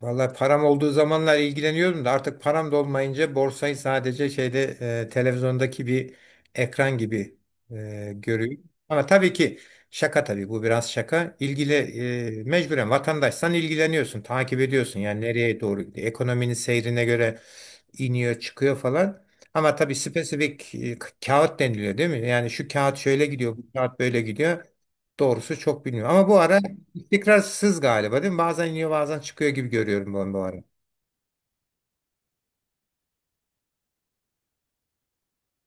Vallahi param olduğu zamanlar ilgileniyordum da artık param da olmayınca borsayı sadece şeyde televizyondaki bir ekran gibi görüyorum. Ama tabii ki şaka tabii bu biraz şaka. İlgili mecburen vatandaşsan ilgileniyorsun, takip ediyorsun. Yani nereye doğru gidiyor, ekonominin seyrine göre iniyor, çıkıyor falan. Ama tabii spesifik kağıt deniliyor değil mi? Yani şu kağıt şöyle gidiyor, bu kağıt böyle gidiyor. Doğrusu çok bilmiyorum. Ama bu ara Istikrarsız galiba değil mi? Bazen iniyor bazen çıkıyor gibi görüyorum ben bu ara.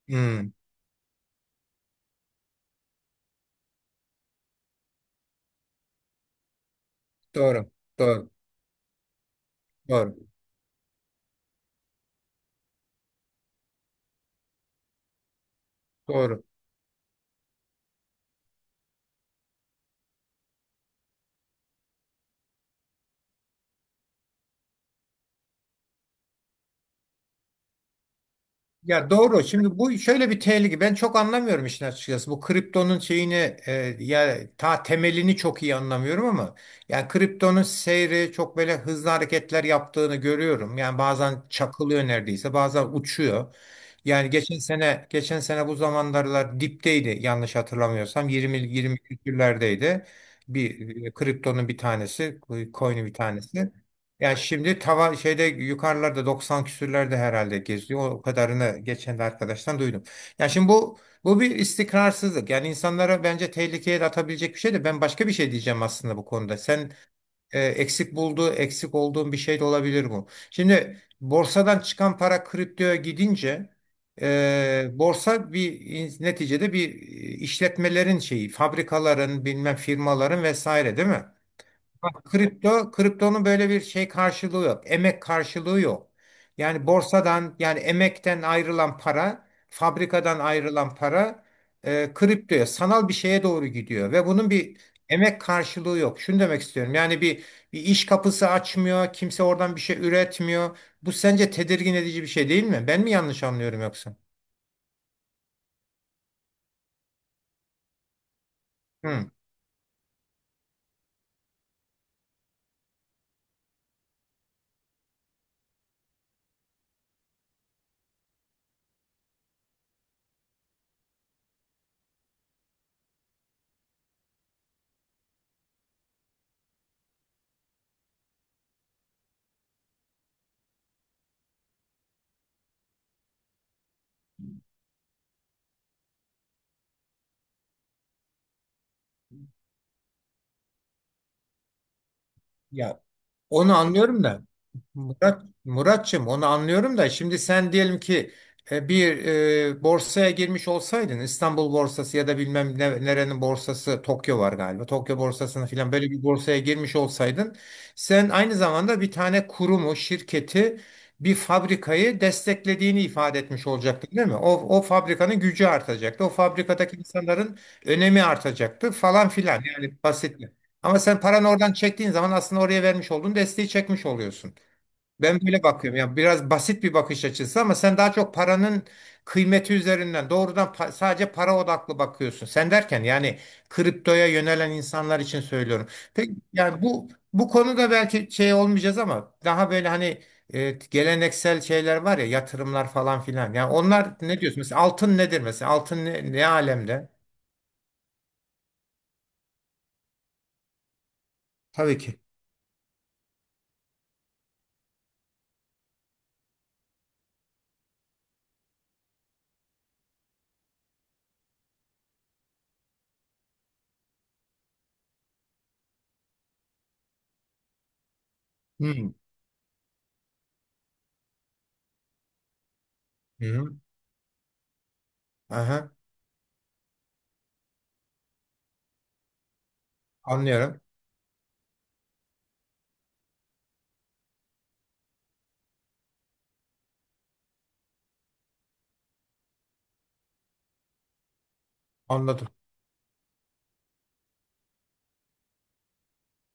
Hmm, doğru. Doğru. Doğru. Doğru. Ya doğru. Şimdi bu şöyle bir tehlike. Ben çok anlamıyorum işin açıkçası. Bu kriptonun şeyini ya ta temelini çok iyi anlamıyorum ama yani kriptonun seyri çok böyle hızlı hareketler yaptığını görüyorum. Yani bazen çakılıyor neredeyse, bazen uçuyor. Yani geçen sene bu zamanlarlar dipteydi yanlış hatırlamıyorsam 20 20 küsürlerdeydi. Bir kriptonun bir tanesi, coin'in bir tanesi. Yani şimdi tava şeyde yukarılarda 90 küsürlerde herhalde geziyor. O kadarını geçen de arkadaştan duydum. Yani şimdi bu bir istikrarsızlık. Yani insanlara bence tehlikeye de atabilecek bir şey de ben başka bir şey diyeceğim aslında bu konuda. Sen eksik olduğun bir şey de olabilir bu. Şimdi borsadan çıkan para kriptoya gidince borsa bir neticede bir işletmelerin şeyi, fabrikaların, bilmem firmaların vesaire değil mi? Kripto, kriptonun böyle bir şey karşılığı yok. Emek karşılığı yok. Yani borsadan yani emekten ayrılan para, fabrikadan ayrılan para kriptoya, sanal bir şeye doğru gidiyor ve bunun bir emek karşılığı yok. Şunu demek istiyorum. Yani bir iş kapısı açmıyor, kimse oradan bir şey üretmiyor. Bu sence tedirgin edici bir şey değil mi? Ben mi yanlış anlıyorum yoksa? Hı. Ya onu anlıyorum da. Murat, Muratçım onu anlıyorum da şimdi sen diyelim ki bir borsaya girmiş olsaydın İstanbul borsası ya da bilmem nerenin borsası Tokyo var galiba. Tokyo borsasına filan böyle bir borsaya girmiş olsaydın sen aynı zamanda bir tane kurumu, şirketi, bir fabrikayı desteklediğini ifade etmiş olacaktın değil mi? O fabrikanın gücü artacaktı. O fabrikadaki insanların önemi artacaktı falan filan yani basit. Ama sen paranı oradan çektiğin zaman aslında oraya vermiş olduğun desteği çekmiş oluyorsun. Ben böyle bakıyorum. Yani biraz basit bir bakış açısı ama sen daha çok paranın kıymeti üzerinden doğrudan sadece para odaklı bakıyorsun. Sen derken yani kriptoya yönelen insanlar için söylüyorum. Peki yani bu konuda belki şey olmayacağız ama daha böyle hani geleneksel şeyler var ya yatırımlar falan filan. Yani onlar ne diyorsun? Mesela altın nedir mesela? Altın ne alemde? Tabii ki. Hmm. Hı hı. Aha, anlıyorum. Anladım.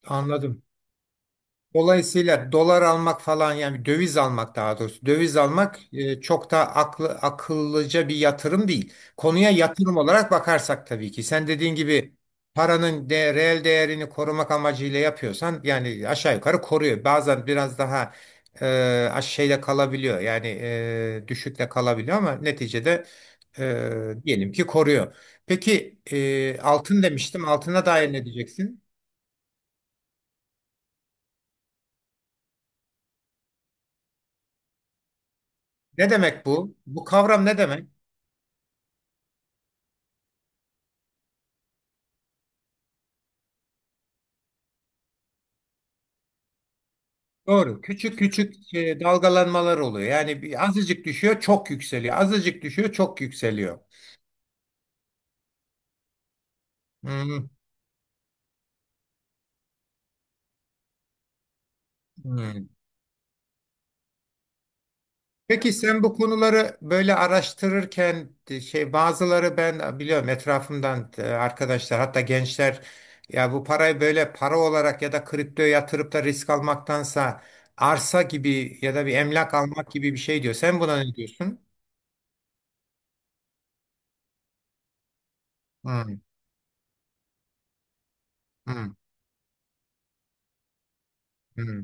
Anladım. Dolayısıyla dolar almak falan yani döviz almak daha doğrusu döviz almak çok da akıllıca bir yatırım değil. Konuya yatırım olarak bakarsak tabii ki sen dediğin gibi paranın reel değerini korumak amacıyla yapıyorsan yani aşağı yukarı koruyor. Bazen biraz daha e, şeyle kalabiliyor yani düşükle kalabiliyor ama neticede diyelim ki koruyor. Peki altın demiştim altına dair ne diyeceksin? Ne demek bu? Bu kavram ne demek? Doğru. Küçük küçük dalgalanmalar oluyor. Yani bir azıcık düşüyor, çok yükseliyor. Azıcık düşüyor, çok yükseliyor. Hmm, hmm. Peki sen bu konuları böyle araştırırken şey bazıları ben biliyorum etrafımdan arkadaşlar hatta gençler ya bu parayı böyle para olarak ya da kriptoya yatırıp da risk almaktansa arsa gibi ya da bir emlak almak gibi bir şey diyor. Sen buna ne diyorsun? Hmm, hmm, hmm.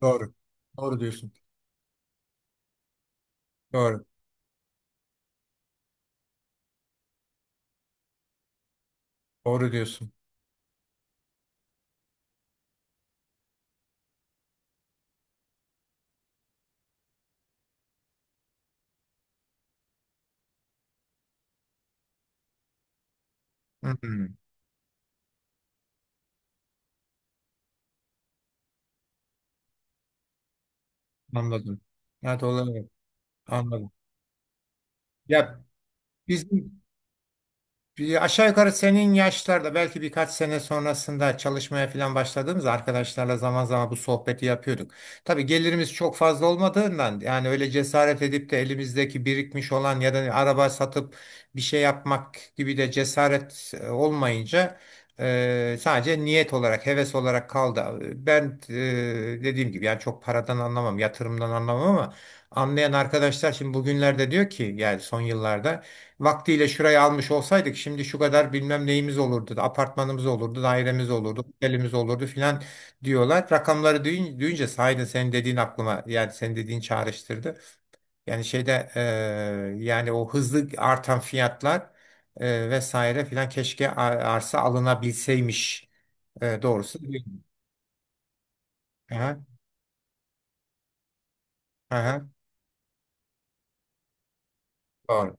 Doğru. Doğru diyorsun. Doğru. Doğru diyorsun. Hmm. Anladım. Evet olabilir. Anladım. Ya bizim Bir aşağı yukarı senin yaşlarda belki birkaç sene sonrasında çalışmaya falan başladığımızda arkadaşlarla zaman zaman bu sohbeti yapıyorduk. Tabii gelirimiz çok fazla olmadığından yani öyle cesaret edip de elimizdeki birikmiş olan ya da araba satıp bir şey yapmak gibi de cesaret olmayınca sadece niyet olarak, heves olarak kaldı. Ben dediğim gibi yani çok paradan anlamam, yatırımdan anlamam ama anlayan arkadaşlar şimdi bugünlerde diyor ki yani son yıllarda vaktiyle şurayı almış olsaydık şimdi şu kadar bilmem neyimiz olurdu. Apartmanımız olurdu, dairemiz olurdu, otelimiz olurdu filan diyorlar. Rakamları duyunca sahiden senin dediğin aklıma yani senin dediğin çağrıştırdı. Yani şeyde yani o hızlı artan fiyatlar vesaire filan keşke arsa alınabilseymiş doğrusu. Aha, aha, doğru.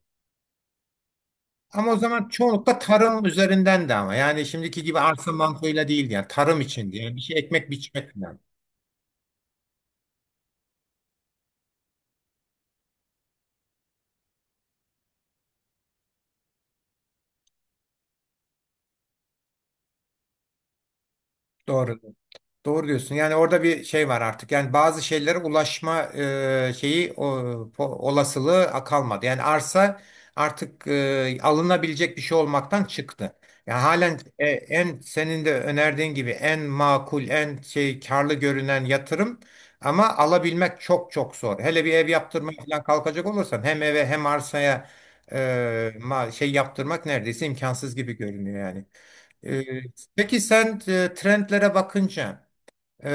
Ama o zaman çoğunlukla tarım üzerinden de ama yani şimdiki gibi arsa mantığıyla değildi yani tarım içindi yani bir şey ekmek biçmek falan. Doğru. Doğru diyorsun. Yani orada bir şey var artık. Yani bazı şeylere ulaşma olasılığı kalmadı. Yani arsa artık alınabilecek bir şey olmaktan çıktı. Yani halen en senin de önerdiğin gibi en makul, en şey karlı görünen yatırım ama alabilmek çok çok zor. Hele bir ev yaptırmaya falan kalkacak olursan hem eve hem arsaya e, yaptırmak neredeyse imkansız gibi görünüyor yani. E, peki sen trendlere bakınca ee,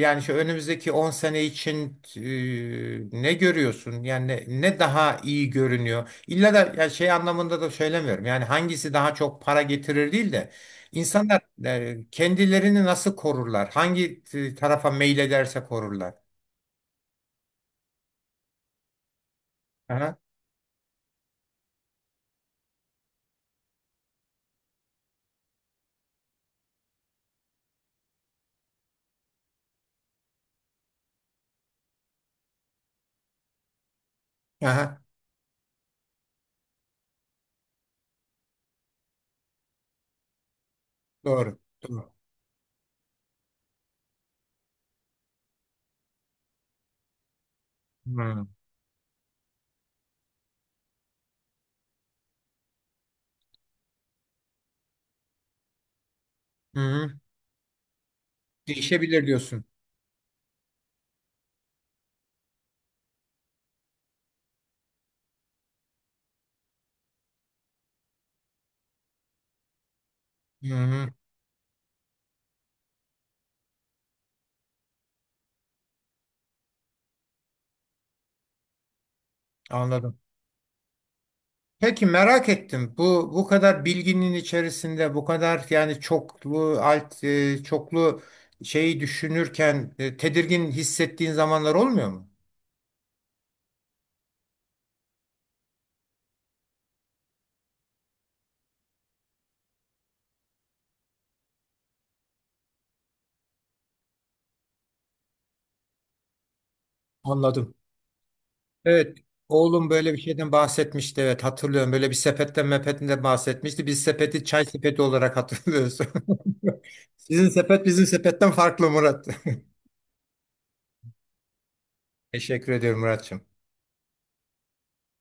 yani şu önümüzdeki 10 sene için ne görüyorsun? Yani ne daha iyi görünüyor? İlla da yani şey anlamında da söylemiyorum. Yani hangisi daha çok para getirir değil de insanlar kendilerini nasıl korurlar? Hangi tarafa meylederse korurlar. Aha, aha, doğru. Doğru. Hmm. Hı. Hı. Değişebilir diyorsun. Hı hı, anladım. Peki merak ettim. Bu kadar bilginin içerisinde bu kadar yani çoklu alt çoklu şeyi düşünürken tedirgin hissettiğin zamanlar olmuyor mu? Anladım. Evet. Oğlum böyle bir şeyden bahsetmişti. Evet hatırlıyorum. Böyle bir sepetten mepetinden bahsetmişti. Biz sepeti çay sepeti olarak hatırlıyoruz. Sizin sepet bizim sepetten farklı Murat. Teşekkür ediyorum Muratçım.